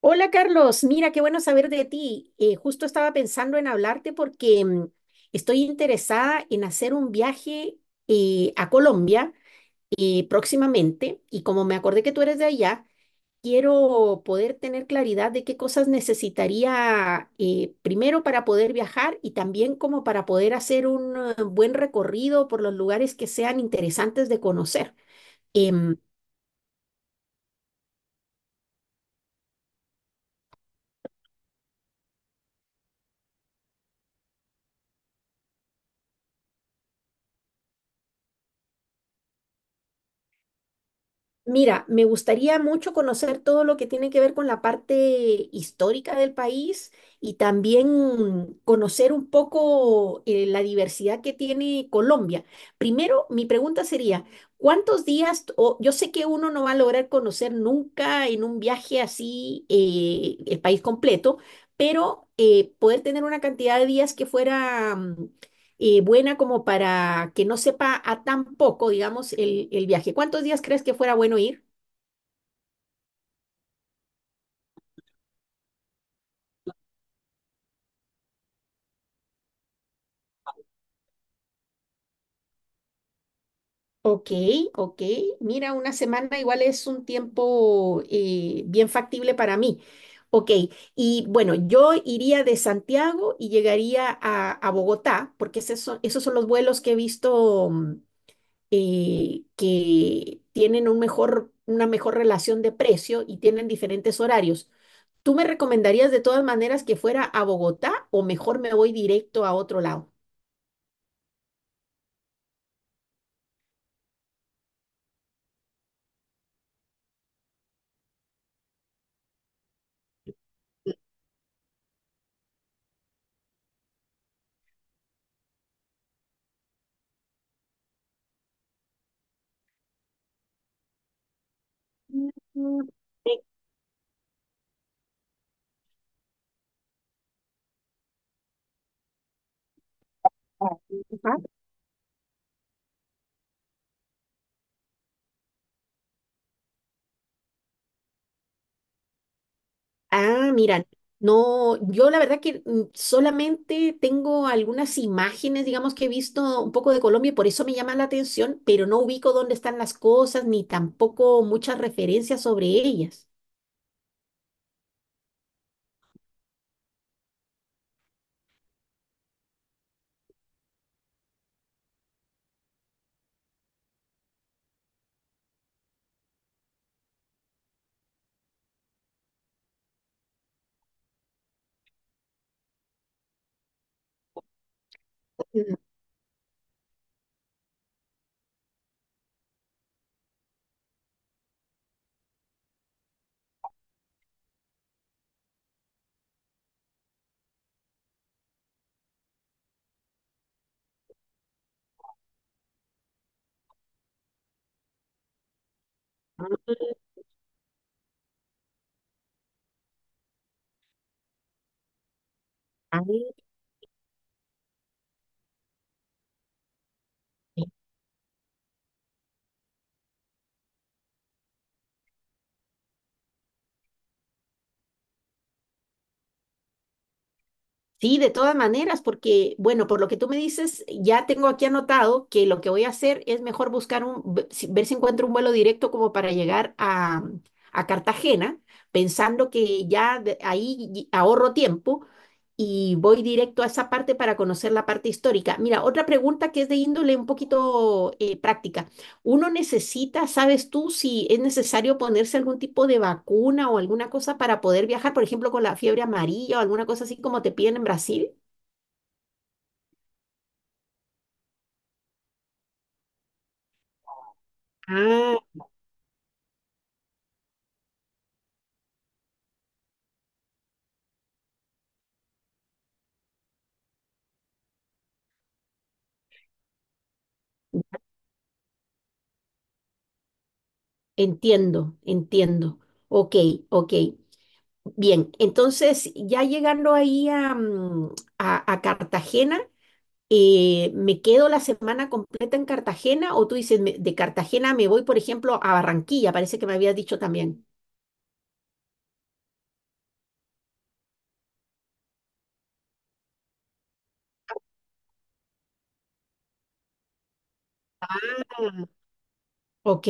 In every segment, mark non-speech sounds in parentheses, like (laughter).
Hola Carlos, mira, qué bueno saber de ti. Justo estaba pensando en hablarte porque estoy interesada en hacer un viaje a Colombia próximamente y como me acordé que tú eres de allá, quiero poder tener claridad de qué cosas necesitaría primero para poder viajar y también como para poder hacer un buen recorrido por los lugares que sean interesantes de conocer. Em, Mira, me gustaría mucho conocer todo lo que tiene que ver con la parte histórica del país y también conocer un poco la diversidad que tiene Colombia. Primero, mi pregunta sería, ¿cuántos días, o yo sé que uno no va a lograr conocer nunca en un viaje así el país completo, pero poder tener una cantidad de días que fuera buena como para que no sepa a tan poco, digamos, el viaje. ¿Cuántos días crees que fuera bueno ir? Ok, ok. Mira, una semana igual es un tiempo bien factible para mí. Ok, y bueno, yo iría de Santiago y llegaría a Bogotá, porque esos son los vuelos que he visto, que tienen un mejor, una mejor relación de precio y tienen diferentes horarios. ¿Tú me recomendarías de todas maneras que fuera a Bogotá o mejor me voy directo a otro lado? Mm, sí, ah, ajá. Ah, mira, no, yo la verdad que solamente tengo algunas imágenes, digamos, que he visto un poco de Colombia y por eso me llama la atención, pero no ubico dónde están las cosas ni tampoco muchas referencias sobre ellas. Mm, ah, sí, de todas maneras, porque, bueno, por lo que tú me dices, ya tengo aquí anotado que lo que voy a hacer es mejor buscar un, ver si encuentro un vuelo directo como para llegar a Cartagena, pensando que ya ahí ahorro tiempo y voy directo a esa parte para conocer la parte histórica. Mira, otra pregunta que es de índole un poquito práctica. Uno necesita, ¿sabes tú si es necesario ponerse algún tipo de vacuna o alguna cosa para poder viajar, por ejemplo, con la fiebre amarilla o alguna cosa así como te piden en Brasil? Ah, entiendo, entiendo. Ok, ok. Bien, entonces ya llegando ahí a, mm, a Cartagena, ¿me quedo la semana completa en Cartagena o tú dices, de Cartagena me voy, por ejemplo, a Barranquilla? Parece que me habías dicho también. Ah. Ok,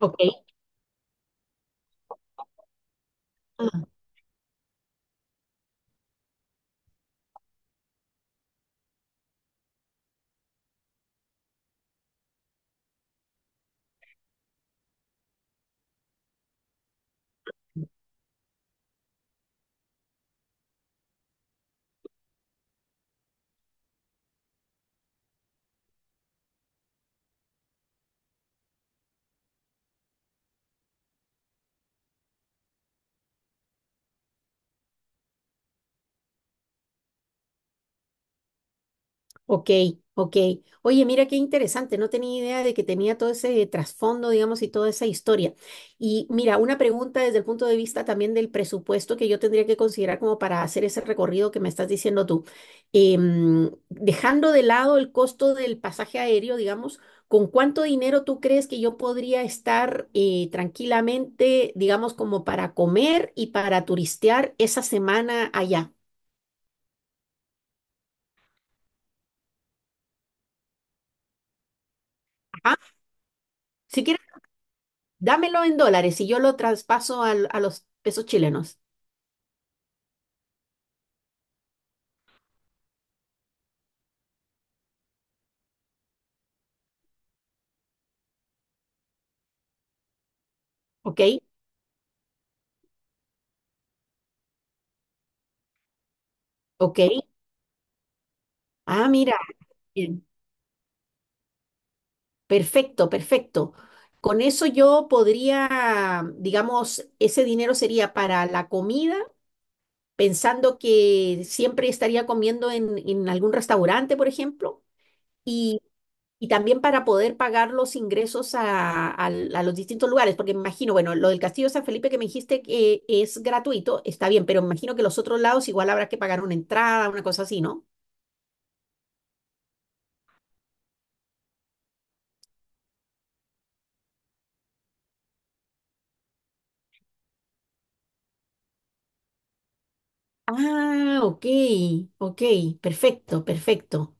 ok. Ok, ok. Oye, mira qué interesante, no tenía idea de que tenía todo ese trasfondo, digamos, y toda esa historia. Y mira, una pregunta desde el punto de vista también del presupuesto que yo tendría que considerar como para hacer ese recorrido que me estás diciendo tú. Dejando de lado el costo del pasaje aéreo, digamos, ¿con cuánto dinero tú crees que yo podría estar tranquilamente, digamos, como para comer y para turistear esa semana allá? Ajá. Si quieres dámelo en dólares y yo lo traspaso a los pesos chilenos. ¿Ok? ¿Ok? Ah, mira, bien. Perfecto, perfecto. Con eso yo podría, digamos, ese dinero sería para la comida, pensando que siempre estaría comiendo en algún restaurante, por ejemplo. Y, y también para poder pagar los ingresos a, a los distintos lugares, porque me imagino, bueno, lo del Castillo de San Felipe que me dijiste que es gratuito, está bien, pero me imagino que los otros lados igual habrá que pagar una entrada, una cosa así, ¿no? Ah, ok, ok, perfecto, perfecto.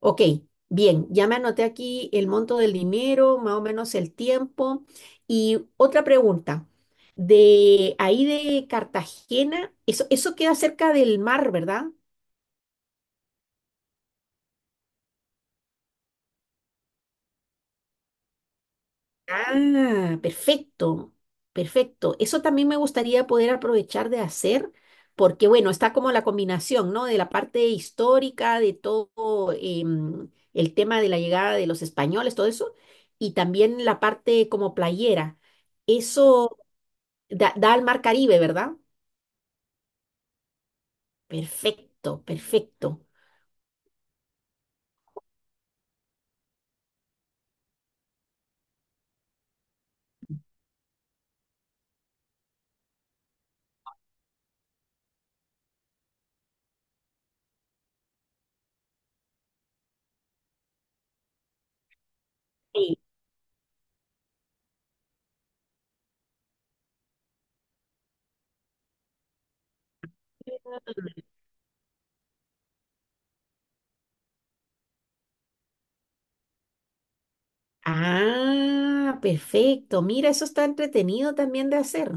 Ok, bien, ya me anoté aquí el monto del dinero, más o menos el tiempo. Y otra pregunta, de ahí de Cartagena, eso queda cerca del mar, ¿verdad? Ah, perfecto, perfecto. Eso también me gustaría poder aprovechar de hacer, porque bueno, está como la combinación, ¿no? De la parte histórica, de todo el tema de la llegada de los españoles, todo eso, y también la parte como playera. Eso da, da al mar Caribe, ¿verdad? Perfecto, perfecto. Sí. Ah, perfecto. Mira, eso está entretenido también de hacer.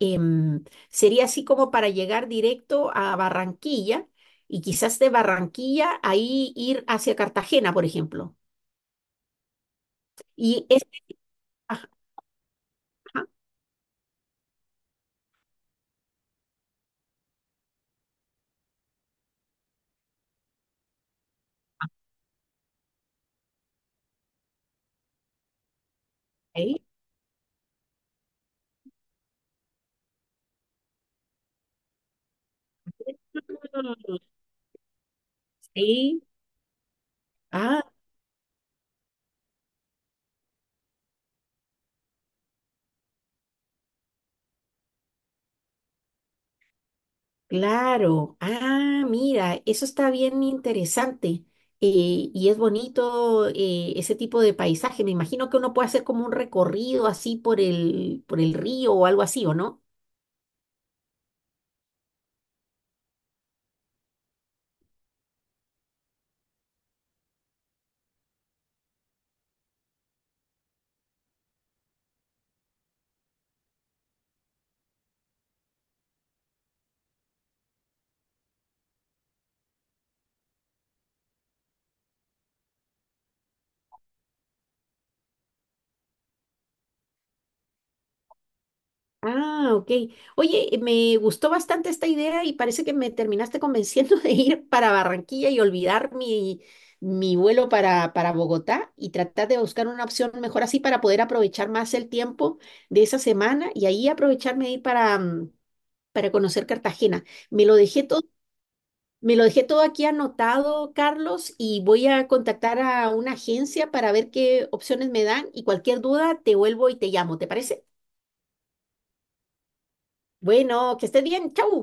em, Sería así como para llegar directo a Barranquilla y quizás de Barranquilla ahí ir hacia Cartagena, por ejemplo. Y es... ajá, ajá, ahí. Mm, sí. Ah, claro. Ah, mira, eso está bien interesante. Y es bonito ese tipo de paisaje. Me imagino que uno puede hacer como un recorrido así por el río o algo así, ¿o no? Ah, ok. Oye, me gustó bastante esta idea y parece que me terminaste convenciendo (laughs) de ir para Barranquilla y olvidar mi, mi vuelo para Bogotá y tratar de buscar una opción mejor así para poder aprovechar más el tiempo de esa semana y ahí aprovecharme de ir para, mm, para conocer Cartagena. Me lo dejé todo, me lo dejé todo aquí anotado, Carlos, y voy a contactar a una agencia para ver qué opciones me dan y cualquier duda te vuelvo y te llamo, ¿te parece? Bueno, que estés bien, chau.